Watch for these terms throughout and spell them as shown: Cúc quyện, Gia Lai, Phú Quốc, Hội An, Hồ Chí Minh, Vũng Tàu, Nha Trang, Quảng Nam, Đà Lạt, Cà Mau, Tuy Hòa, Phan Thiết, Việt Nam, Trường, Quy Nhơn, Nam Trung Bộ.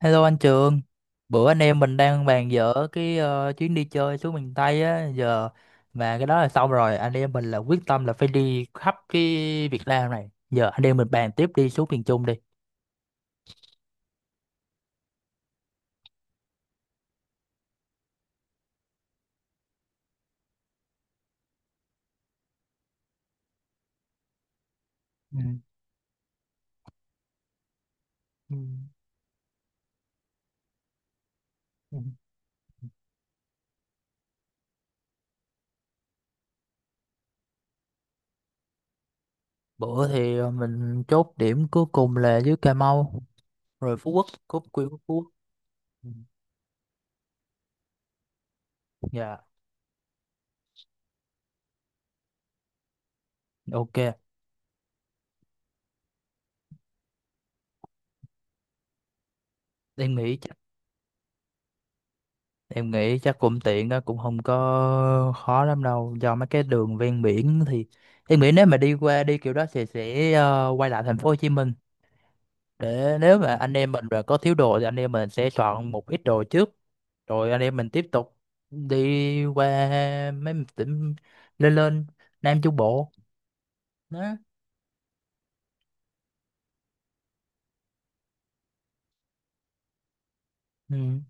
Hello anh Trường, bữa anh em mình đang bàn dở cái chuyến đi chơi xuống miền Tây á, giờ mà cái đó là xong rồi, anh em mình là quyết tâm là phải đi khắp cái Việt Nam này. Giờ anh em mình bàn tiếp đi xuống miền Trung đi. Ừ. Ừ. Ừ. Bữa thì mình chốt điểm cuối cùng là dưới Cà Mau, rồi Phú Quốc, Cúc quyện của Phú Quốc. Ừ. Dạ, ok. Em nghĩ Em nghĩ chắc cũng tiện đó, cũng không có khó lắm đâu, do mấy cái đường ven biển thì em nghĩ nếu mà đi qua đi kiểu đó thì sẽ quay lại thành phố Hồ Chí Minh, để nếu mà anh em mình mà có thiếu đồ thì anh em mình sẽ soạn một ít đồ trước, rồi anh em mình tiếp tục đi qua mấy tỉnh lên lên Nam Trung Bộ đó. Ừ.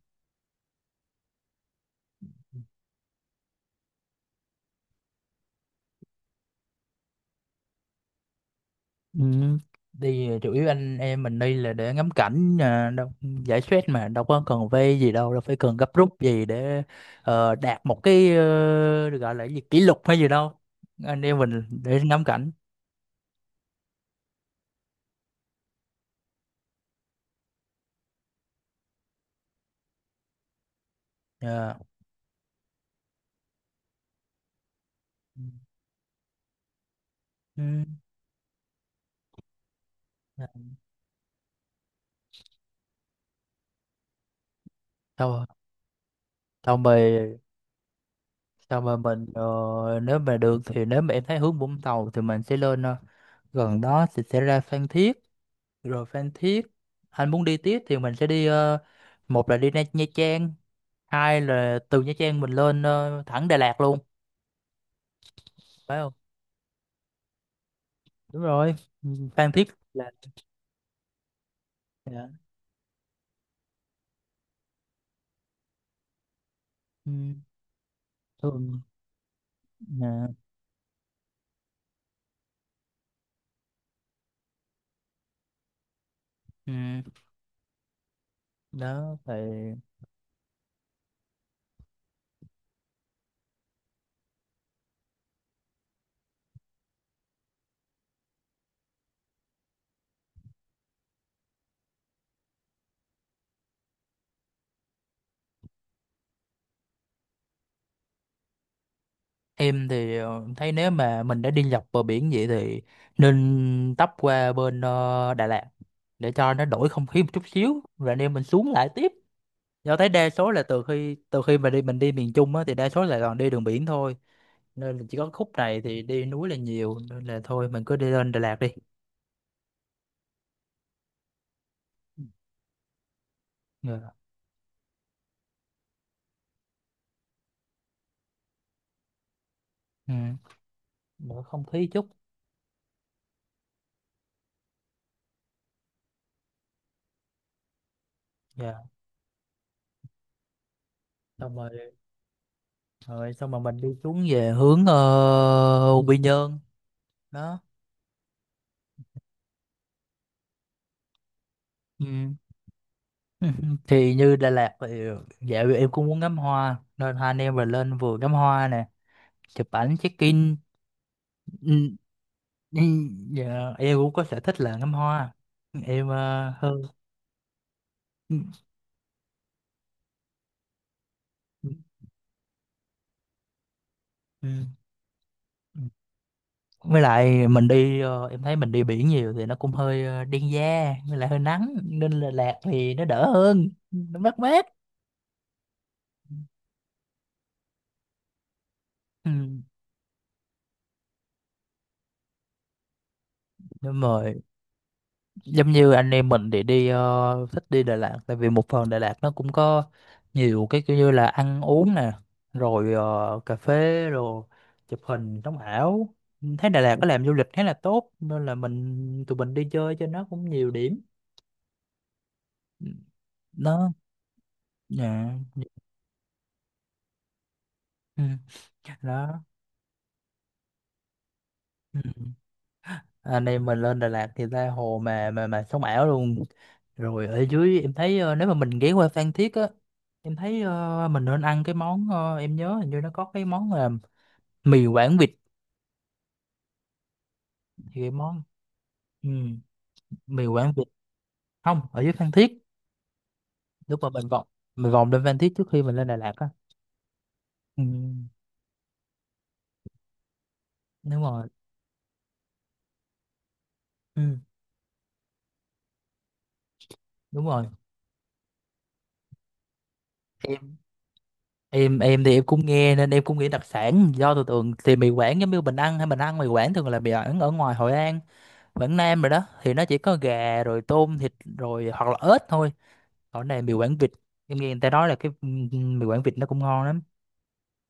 Ừ. Đi chủ yếu anh em mình đi là để ngắm cảnh à, đâu, giải stress mà đâu có cần vây gì đâu, đâu phải cần gấp rút gì để đạt một cái, được gọi là cái gì kỷ lục hay gì đâu, anh em mình để ngắm cảnh. Ờ. Ừ. Xong xong rồi xong rồi mình nếu mà được thì nếu mà em thấy hướng Vũng Tàu thì mình sẽ lên, gần đó thì sẽ ra Phan Thiết, rồi Phan Thiết anh muốn đi tiếp thì mình sẽ đi, một là đi Nha Trang, hai là từ Nha Trang mình lên thẳng Đà Lạt luôn, phải không? Đúng rồi. Ừ, Phan Thiết là. Dạ. Ừ, thường nè. Ừ. Đó thì em thì thấy nếu mà mình đã đi dọc bờ biển vậy thì nên tấp qua bên, Đà Lạt để cho nó đổi không khí một chút xíu rồi anh em mình xuống lại tiếp, do thấy đa số là từ khi mà đi, mình đi miền Trung á thì đa số là toàn đi đường biển thôi, nên là chỉ có khúc này thì đi núi là nhiều nên là thôi mình cứ đi lên Đà Lạt đi. Dạ. Ừ. Mở không khí chút. Dạ, xong rồi xong rồi, mình đi xuống về hướng Quy Nhơn đó. Ừ. Thì như Đà Lạt thì, dạ, em cũng muốn ngắm hoa nên hai anh em rồi lên vừa ngắm hoa nè, chụp ảnh check in. Ừ. Ừ. Dạ, em cũng có sở thích là ngắm hoa, em hơn. Ừ, ừ. Ừ. Với lại mình đi, em thấy mình đi biển nhiều thì nó cũng hơi, đen da, với lại hơi nắng nên là lạc thì nó đỡ hơn, nó mát mát. Ừ. Đúng rồi. Giống như anh em mình thì đi, thích đi Đà Lạt tại vì một phần Đà Lạt nó cũng có nhiều cái kiểu như là ăn uống nè, rồi cà phê, rồi chụp hình sống ảo. Thấy Đà Lạt có làm du lịch khá là tốt nên là tụi mình đi chơi cho nó cũng nhiều điểm. Nó. Dạ. Ừ, đó. Ừ. Anh em mình lên Đà Lạt thì ra hồ mà sống ảo luôn. Rồi ở dưới em thấy, nếu mà mình ghé qua Phan Thiết á, em thấy, mình nên ăn cái món, em nhớ hình như nó có cái món là mì Quảng vịt, thì cái món. Ừ, mì Quảng vịt. Không, ở dưới Phan Thiết, lúc mà mình vòng, mình vòng lên Phan Thiết trước khi mình lên Đà Lạt á. Ừ, đúng rồi. Ừ, đúng rồi. Em em em thì em cũng nghe nên em cũng nghĩ đặc sản, do tôi tưởng thì mì Quảng giống như mình ăn, hay mình ăn mì Quảng thường là mì Quảng ở ngoài Hội An, Quảng Nam rồi, đó thì nó chỉ có gà rồi tôm thịt rồi, hoặc là ếch thôi, còn này mì Quảng Vịt. Em nghe người ta nói là cái, ừ, ừ, mì Quảng Vịt nó cũng ngon lắm,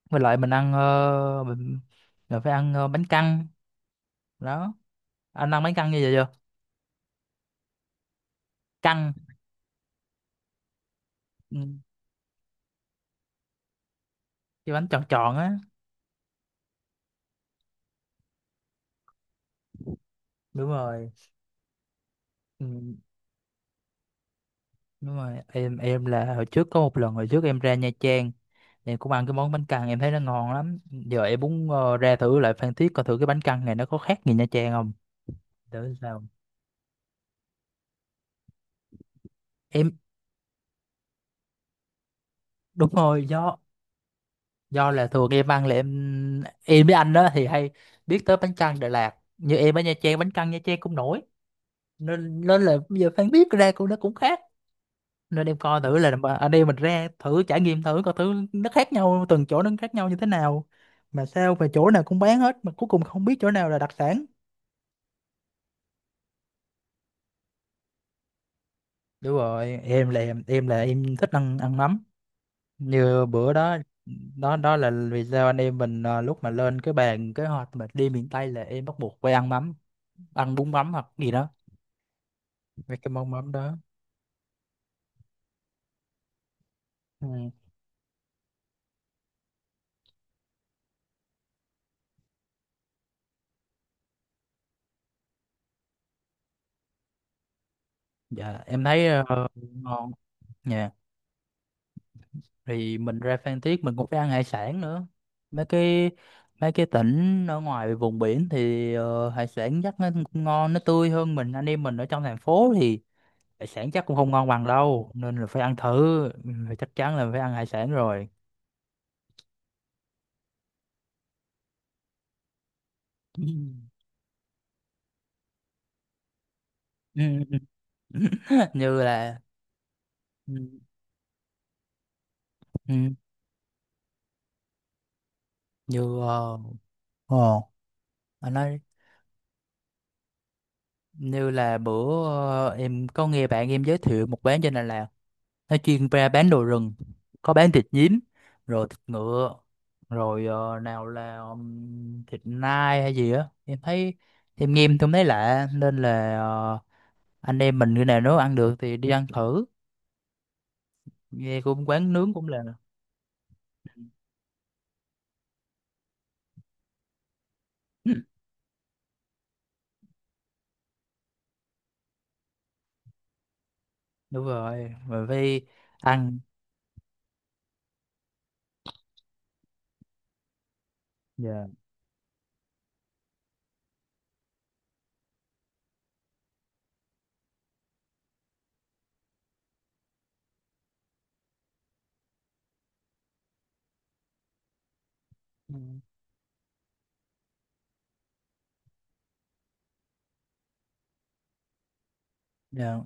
với lại mình ăn, mình phải ăn bánh căn đó, anh ăn bánh căn như vậy chưa? Căn. Ừ, cái bánh tròn tròn á. Đúng rồi. Ừ, đúng rồi. Em là hồi trước có một lần, hồi trước em ra Nha Trang em cũng ăn cái món bánh căn, em thấy nó ngon lắm. Giờ em muốn ra thử lại Phan Thiết coi thử cái bánh căn này nó có khác gì Nha Trang không, để sao. Em, đúng rồi, do là thường em ăn là em với anh đó thì hay biết tới bánh căn Đà Lạt, như em ở Nha Trang bánh căn Nha Trang cũng nổi, nên nên là bây giờ Phan biết ra cũng nó cũng khác, nên em coi thử là mà anh em mình ra thử trải nghiệm thử coi thử nó khác nhau, từng chỗ nó khác nhau như thế nào, mà sao mà chỗ nào cũng bán hết mà cuối cùng không biết chỗ nào là đặc sản. Đúng rồi, em là em thích ăn ăn mắm. Như bữa đó. Đó đó là vì sao anh em mình, à, lúc mà lên cái bàn kế hoạch mà đi miền Tây là em bắt buộc phải ăn mắm, ăn bún mắm hoặc gì đó, mấy cái món mắm đó. Ừ. Dạ, em thấy ngon nha. Thì mình ra Phan Thiết mình cũng phải ăn hải sản nữa, mấy cái mấy cái tỉnh ở ngoài vùng biển thì hải sản chắc nó cũng ngon, nó tươi hơn, mình anh em mình ở trong thành phố thì hải sản chắc cũng không ngon bằng đâu, nên là phải ăn thử. Ừ, chắc chắn là phải ăn hải sản rồi. Ừ. Ừ, ừ, ừ. Như là. Ừ, ừ, như, ờ, anh nói. Như là bữa, em có nghe bạn em giới thiệu một quán trên Đà Lạt, nó chuyên ra bán đồ rừng, có bán thịt nhím, rồi thịt ngựa, rồi, nào là, thịt nai hay gì á, em thấy em nghe em không thấy lạ nên là, anh em mình cái nào nếu ăn được thì đi ăn thử, nghe cũng quán nướng cũng là. Đúng rồi, rồi phải ăn. Dạ. Ừ. Dạ,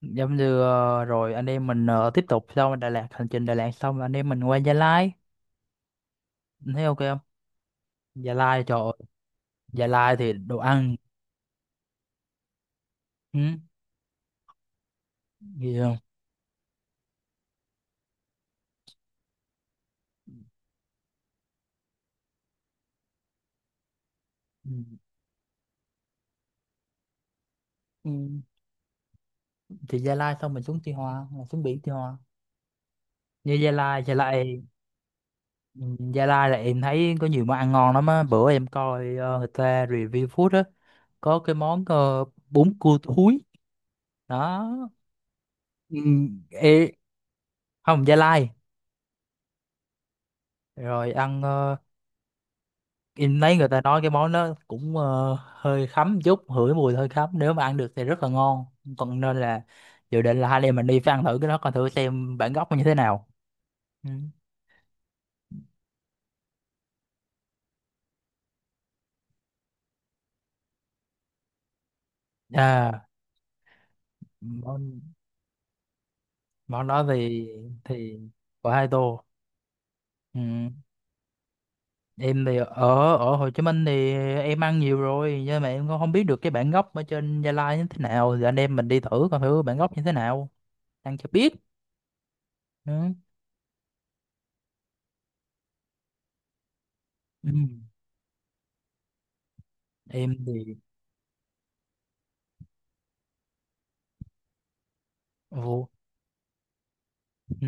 giống như, rồi anh em mình, tiếp tục sau Đà Lạt, hành trình Đà Lạt xong anh em mình qua Gia Lai, thấy ok không? Gia Lai, trời ơi, Gia Lai thì đồ ăn. Ừ, gì không? Ừ. Ừ, thì Gia Lai xong mình xuống Tuy Hòa là xuống biển Tuy Hòa, như Gia Lai, Gia Lai. Ừ, Gia Lai là em thấy có nhiều món ăn ngon lắm á, bữa em coi người ta review food á, có cái món, bún cua thúi đó. Ừ, ê. Không, Gia Lai. Rồi ăn, em thấy người ta nói cái món đó cũng hơi khắm chút, hửi mùi hơi khắm, nếu mà ăn được thì rất là ngon. Còn nên là dự định là hai anh em mình đi phải ăn thử cái đó, coi thử xem bản gốc nó như thế nào. Ừ. À, món, món đó thì của hai tô. Ừ. Em thì ở ở Hồ Chí Minh thì em ăn nhiều rồi, nhưng mà em cũng không biết được cái bản gốc ở trên Gia Lai như thế nào, thì anh em mình đi thử coi thử bản gốc như thế nào, ăn cho biết. Ừ. Ừ. Em thì. Ồ, ừ.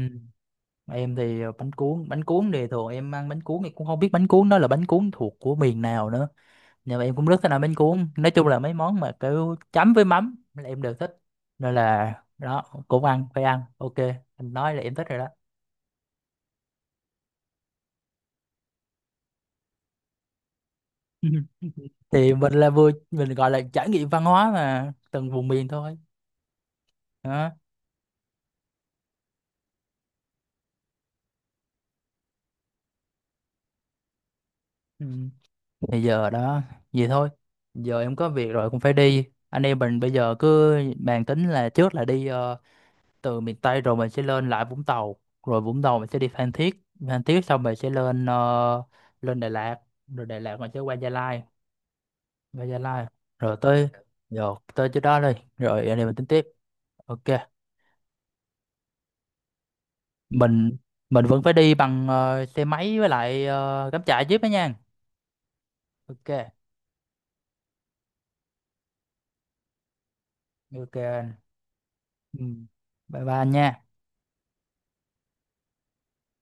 Em thì bánh cuốn, bánh cuốn thì thường em ăn bánh cuốn em cũng không biết bánh cuốn đó là bánh cuốn thuộc của miền nào nữa, nhưng mà em cũng rất thích ăn bánh cuốn, nói chung là mấy món mà kiểu chấm với mắm là em đều thích, nên là đó cũng ăn, phải ăn ok. Anh nói là em thích rồi đó. Thì mình là vừa, mình gọi là trải nghiệm văn hóa mà từng vùng miền thôi. Đó. Ừ. Bây giờ đó, vậy thôi, giờ em có việc rồi cũng phải đi, anh em mình bây giờ cứ bàn tính là trước là đi, từ miền Tây rồi mình sẽ lên lại Vũng Tàu, rồi Vũng Tàu mình sẽ đi Phan Thiết, Phan Thiết xong mình sẽ lên, lên Đà Lạt, rồi Đà Lạt mình sẽ qua Gia Lai, qua Gia Lai rồi tới, rồi tới chỗ đó đi, rồi anh em mình tính tiếp. Ok. mình mình vẫn phải đi bằng, xe máy, với lại cắm trại jeep đó nha. Ok. Ok anh. Ừ. Bye bye anh nha.